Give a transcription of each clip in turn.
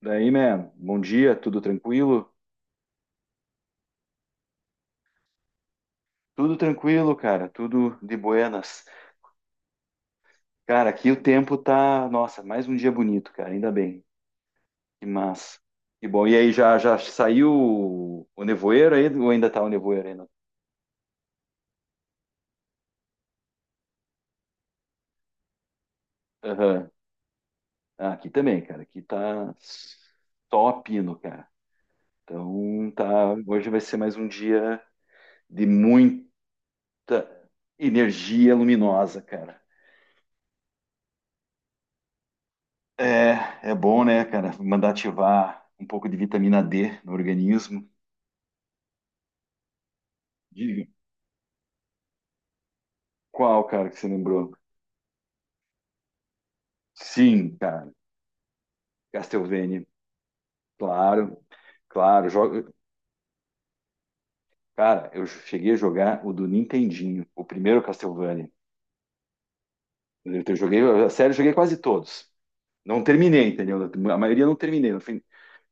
Daí, man, bom dia, tudo tranquilo? Tudo tranquilo, cara, tudo de buenas. Cara, aqui o tempo tá, nossa, mais um dia bonito, cara, ainda bem. Que massa. Que bom. E aí, já saiu o nevoeiro aí? Ou ainda tá o nevoeiro ainda? Aham. Ah, aqui também, cara, aqui tá só pino, cara. Então, tá, hoje vai ser mais um dia de muita energia luminosa, cara. É bom, né, cara? Mandar ativar um pouco de vitamina D no organismo. Diga. Qual, cara, que você lembrou? Sim, cara. Castlevania. Claro, claro. Joga... Cara, eu cheguei a jogar o do Nintendinho, o primeiro Castlevania. Joguei, a série, eu joguei quase todos. Não terminei, entendeu? A maioria eu não terminei no fim.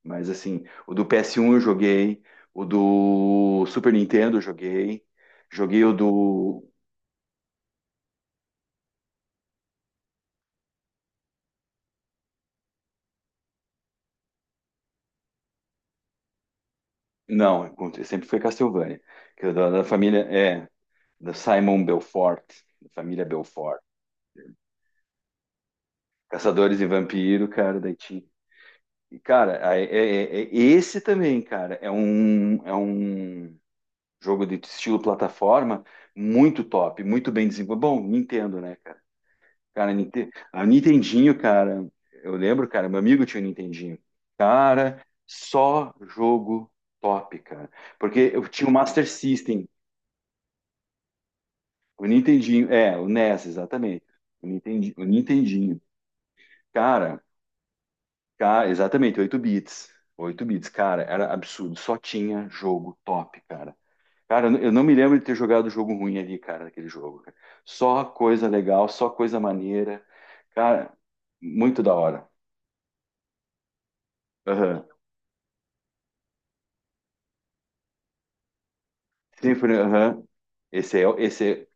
Mas, assim, o do PS1 eu joguei, o do Super Nintendo eu joguei, joguei o do Não, encontrei- sempre foi Castlevania. Que é da família, é, da Simon Belfort, da família Belfort. Caçadores e Vampiro, cara, daí tinha. E, cara, esse também, cara, é um jogo de estilo plataforma muito top, muito bem desenvolvido. Bom, Nintendo, né, cara? Cara, a Nintendinho, cara, eu lembro, cara, meu amigo tinha um Nintendinho. Cara, só jogo top, cara. Porque eu tinha o Master System, o Nintendinho, é, o NES, exatamente. O Nintendinho, o Nintendinho. Cara, cara, exatamente, 8 bits. 8 bits, cara, era absurdo. Só tinha jogo top, cara. Cara, eu não me lembro de ter jogado jogo ruim ali, cara, naquele jogo, cara. Só coisa legal, só coisa maneira. Cara, muito da hora. Aham. Symphony, aham. Esse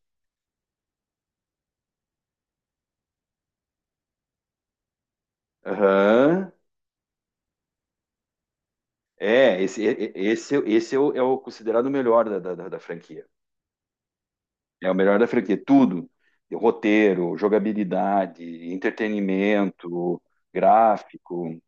é, aham. É, esse, e- esse é o considerado o melhor da franquia. É o melhor da franquia. Tudo. Roteiro, jogabilidade, entretenimento, gráfico.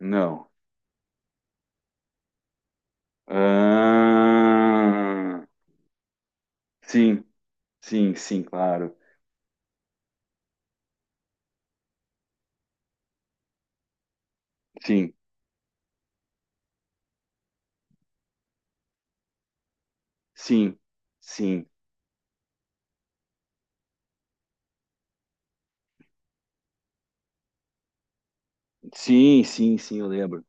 Não. Ah, sim, sim, sim, claro. Sim, sim, sim. Sim, sim, sim, eu lembro.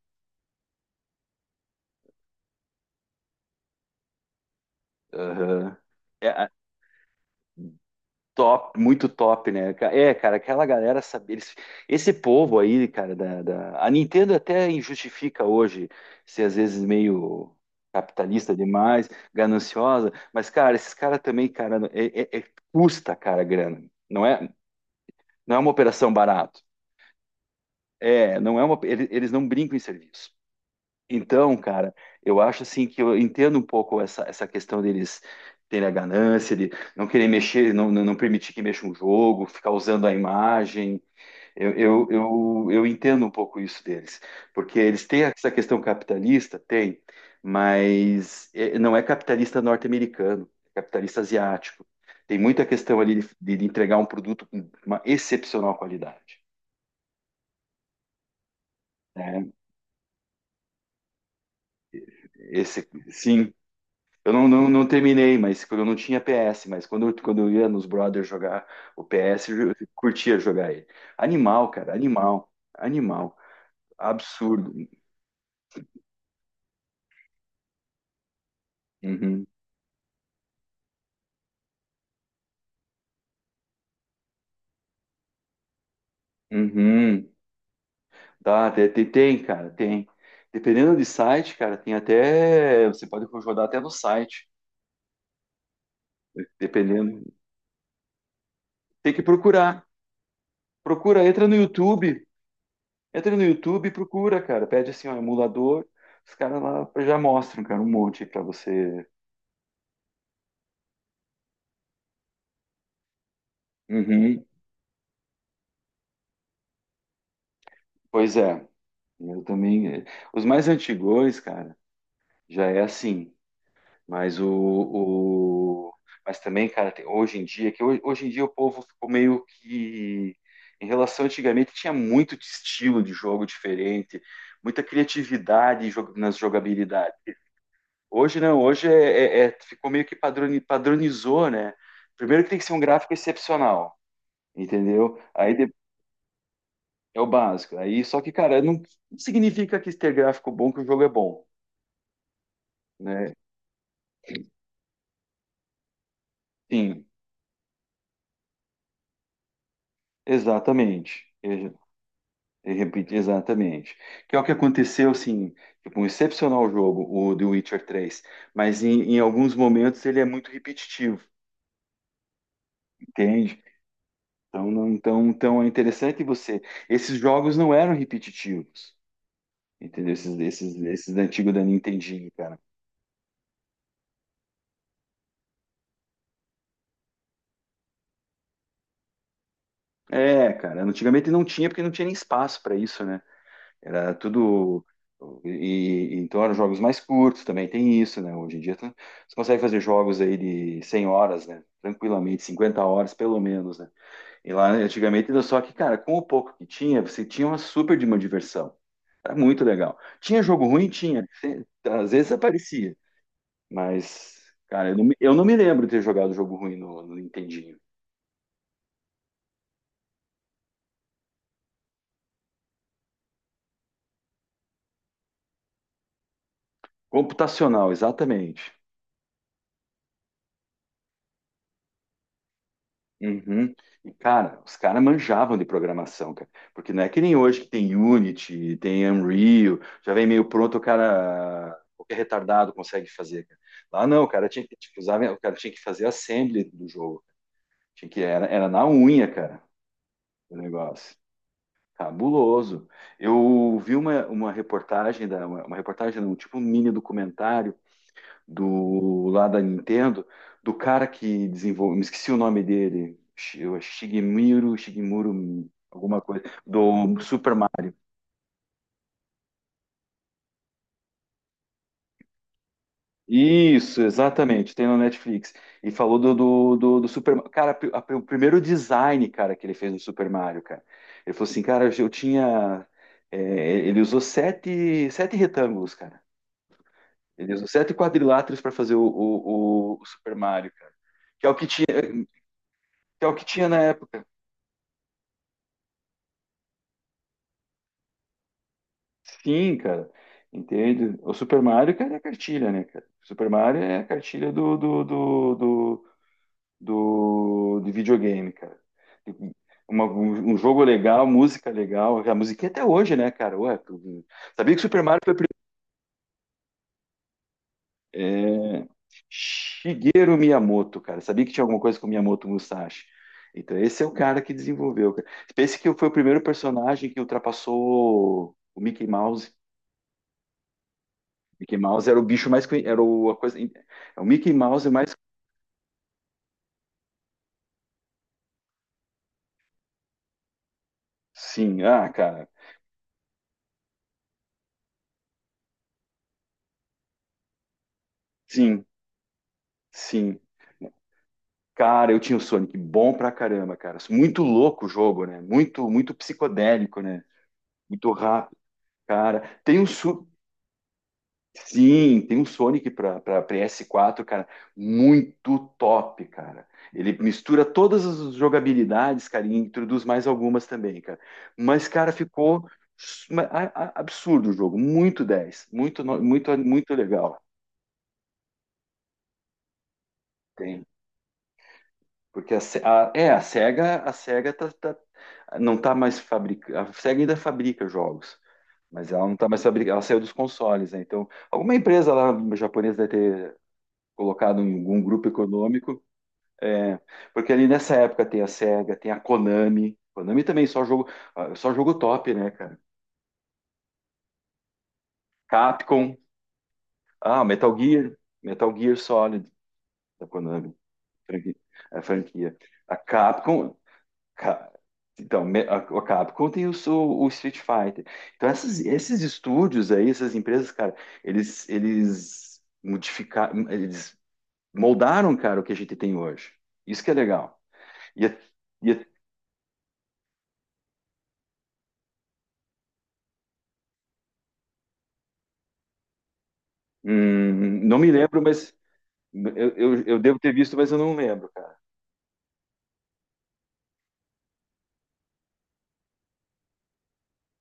Aham. É, top, muito top, né? É, cara, aquela galera sabe, eles, esse povo aí, cara, a Nintendo até injustifica hoje ser às vezes meio capitalista demais, gananciosa, mas, cara, esses caras também, cara, custa, cara, a grana. Não é uma operação barata. É, não é uma, ele- eles não brincam em serviço. Então, cara, eu acho assim que eu entendo um pouco essa questão deles terem a ganância de não querer mexer, não permitir que mexa um jogo, ficar usando a imagem. Eu entendo um pouco isso deles, porque eles têm essa questão capitalista, tem, mas não é capitalista norte-americano, é capitalista asiático. Tem muita questão ali de entregar um produto com uma excepcional qualidade, né? Esse, sim. Eu não terminei, mas eu não tinha PS, mas quando eu ia nos brothers jogar o PS, eu curtia jogar ele. Animal, cara, animal, animal. Absurdo. Uhum, uhum. Tá, tem, cara, tem. Dependendo de site, cara, tem até. Você pode jogar até no site, dependendo. Tem que procurar. Procura, entra no YouTube. Entra no YouTube e procura, cara. Pede assim, um emulador. Os caras lá já mostram, cara, um monte pra você. Uhum. Pois é, eu também. Os mais antigões, cara, já é assim. Mas o, o- mas também, cara, hoje em dia o povo ficou meio que em relação antigamente tinha muito de estilo de jogo diferente, muita criatividade nas jogabilidades. Hoje não, hoje ficou meio que padronizou, né? Primeiro que tem que ser um gráfico excepcional, entendeu? Aí, é o básico. Aí, só que, cara, não significa que ter gráfico bom que o jogo é bom, né? Sim, exatamente. Eu repito, exatamente. Que é o que aconteceu, assim, tipo, um excepcional jogo, o The Witcher 3, mas em alguns momentos ele é muito repetitivo, entende? Então, não, então é interessante você. Esses jogos não eram repetitivos, entendeu? Esses antigos da Nintendinho, cara. É, cara, antigamente não tinha porque não tinha nem espaço para isso, né? Era tudo. E, então eram jogos mais curtos também, tem isso, né? Hoje em dia você consegue fazer jogos aí de 100 horas, né? Tranquilamente, 50 horas pelo menos, né? E lá antigamente era só que, cara, com o pouco que tinha, você tinha uma super de uma diversão. Era muito legal. Tinha jogo ruim? Tinha. Às vezes aparecia, mas, cara, eu não me lembro de ter jogado jogo ruim no Nintendinho. Computacional, exatamente. Uhum. E, cara, os caras manjavam de programação, cara. Porque não é que nem hoje que tem Unity, tem Unreal, já vem meio pronto, o cara, qualquer retardado consegue fazer, cara. Lá não, o cara tinha que, tipo, usava, o cara tinha que fazer assembly do jogo. Tinha que, era na unha, cara, o negócio. Cabuloso. Eu vi uma reportagem, um tipo um mini documentário do lá da Nintendo, do cara que desenvolveu, me esqueci o nome dele, Shigemiro, Shigemuro, alguma coisa, do Super Mario. Isso, exatamente, tem no Netflix. E falou do Super Mario. Cara, o primeiro design, cara, que ele fez no Super Mario, cara. Ele falou assim, cara, eu tinha. É, ele usou sete retângulos, cara. Ele usou sete quadriláteros para fazer o Super Mario, cara. Que é o que tinha, que é o que tinha na época. Sim, cara. Entende? O Super Mario, cara, é a cartilha, né, cara? O Super Mario é a cartilha de videogame, cara. Um jogo legal, música legal. A musiquinha até hoje, né, cara? Ué, sabia que o Super Mario foi o primeiro. É... Shigeru Miyamoto, cara. Sabia que tinha alguma coisa com o Miyamoto Musashi. Então, esse é o cara que desenvolveu, cara. Pense que foi o primeiro personagem que ultrapassou o Mickey Mouse. Mickey Mouse era o bicho mais era o, a coisa é, o Mickey Mouse é mais. Sim, ah, cara. Sim, sim, cara. Eu tinha o Sonic bom pra caramba, cara. Muito louco o jogo, né? Muito, muito psicodélico, né? Muito rápido, cara. Sim, tem um Sonic para PS4, cara, muito top, cara. Ele mistura todas as jogabilidades, cara, e introduz mais algumas também, cara. Mas, cara, ficou absurdo o jogo, muito dez, muito, no- muito, muito legal. Tem, porque a, Se- a- é, a Sega tá, não tá mais fabricando, a Sega ainda fabrica jogos, mas ela não tá mais fabricando, ela saiu dos consoles, né? Então, alguma empresa lá japonesa deve ter colocado em algum grupo econômico. É, porque ali nessa época tem a SEGA, tem a Konami. Konami também só jogo, ah, só jogo top, né, cara? Capcom, ah, Metal Gear, Metal Gear Solid da Konami, franqui- a franquia. A Capcom, Ca- então, me- a Capcom tem o Street Fighter. Então, esses estúdios aí, essas empresas, cara, eles modificaram, eles moldaram, cara, o que a gente tem hoje. Isso que é legal. E, é- e é- não me lembro, mas Eu, eu devo ter visto, mas eu não lembro, cara.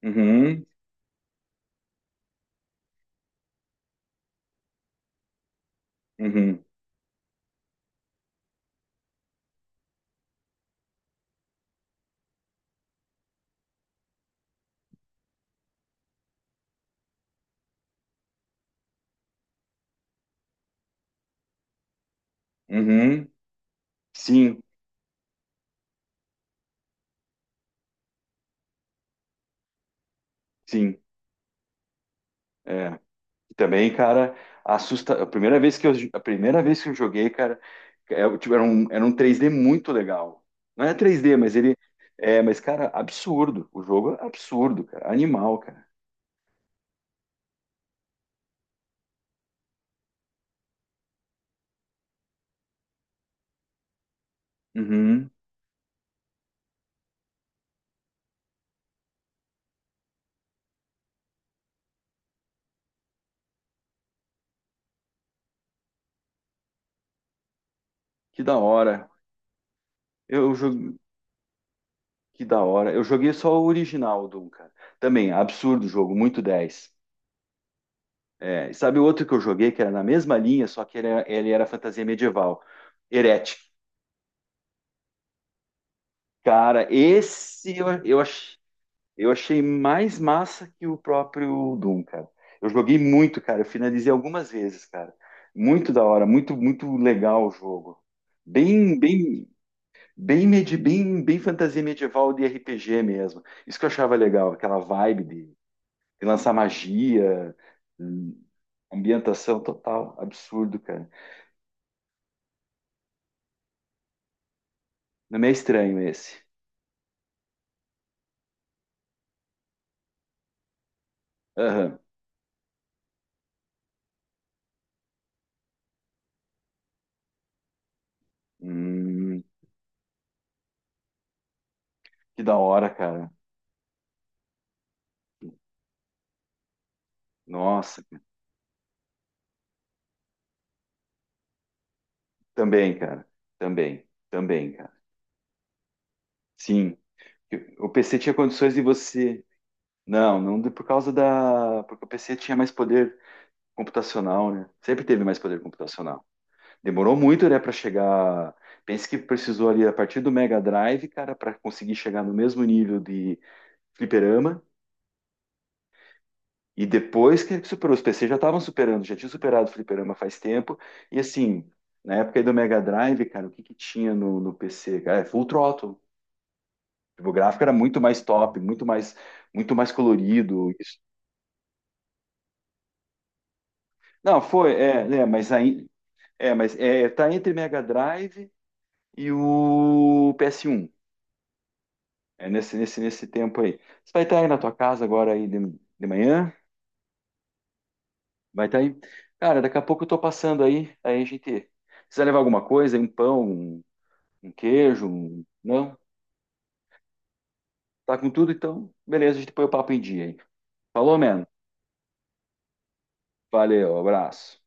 Uhum, uhum, uhum. Sim, sim. É. E também, cara, assusta. A primeira vez que eu joguei, cara, é, tipo, era um 3D muito legal. Não é 3D mas ele. É, mas, cara, absurdo. O jogo é absurdo, cara. Animal, cara. Uhum. Que da hora. Eu joguei. Que da hora. Eu joguei só o original, Doom, cara. Também, absurdo o jogo, muito 10. É, e sabe outro que eu joguei que era na mesma linha, só que ele era fantasia medieval? Heretic. Cara, esse eu achei mais massa que o próprio Doom, cara. Eu joguei muito, cara. Eu finalizei algumas vezes, cara. Muito da hora, muito, muito legal o jogo. Bem, bem, bem fantasia medieval de RPG mesmo. Isso que eu achava legal, aquela vibe de lançar magia, hum, ambientação total, absurdo, cara. Não é estranho esse. Aham. Hum, que da hora, cara. Nossa, cara. Também, cara. Também, também, cara. Sim. O PC tinha condições de você. Não, não por causa da. Porque o PC tinha mais poder computacional, né? Sempre teve mais poder computacional. Demorou muito, né, para chegar. Pense que precisou ali a partir do Mega Drive, cara, para conseguir chegar no mesmo nível de fliperama. E depois que ele superou, os PC já estavam superando, já tinha superado o fliperama faz tempo. E assim, na época aí do Mega Drive, cara, o que que tinha no PC? Cara, é Full Throttle. Tipo, o gráfico era muito mais top, muito mais colorido. Isso. Não, foi, mas aí, é, mas é, tá entre Mega Drive e o PS1. É nesse tempo aí. Você vai estar aí na tua casa agora aí de manhã? Vai estar aí? Cara, daqui a pouco eu tô passando aí a gente. Precisa levar alguma coisa, um pão, um queijo, um, não? Tá com tudo, então? Beleza, a gente põe o papo em dia, hein? Falou, mano. Valeu, abraço.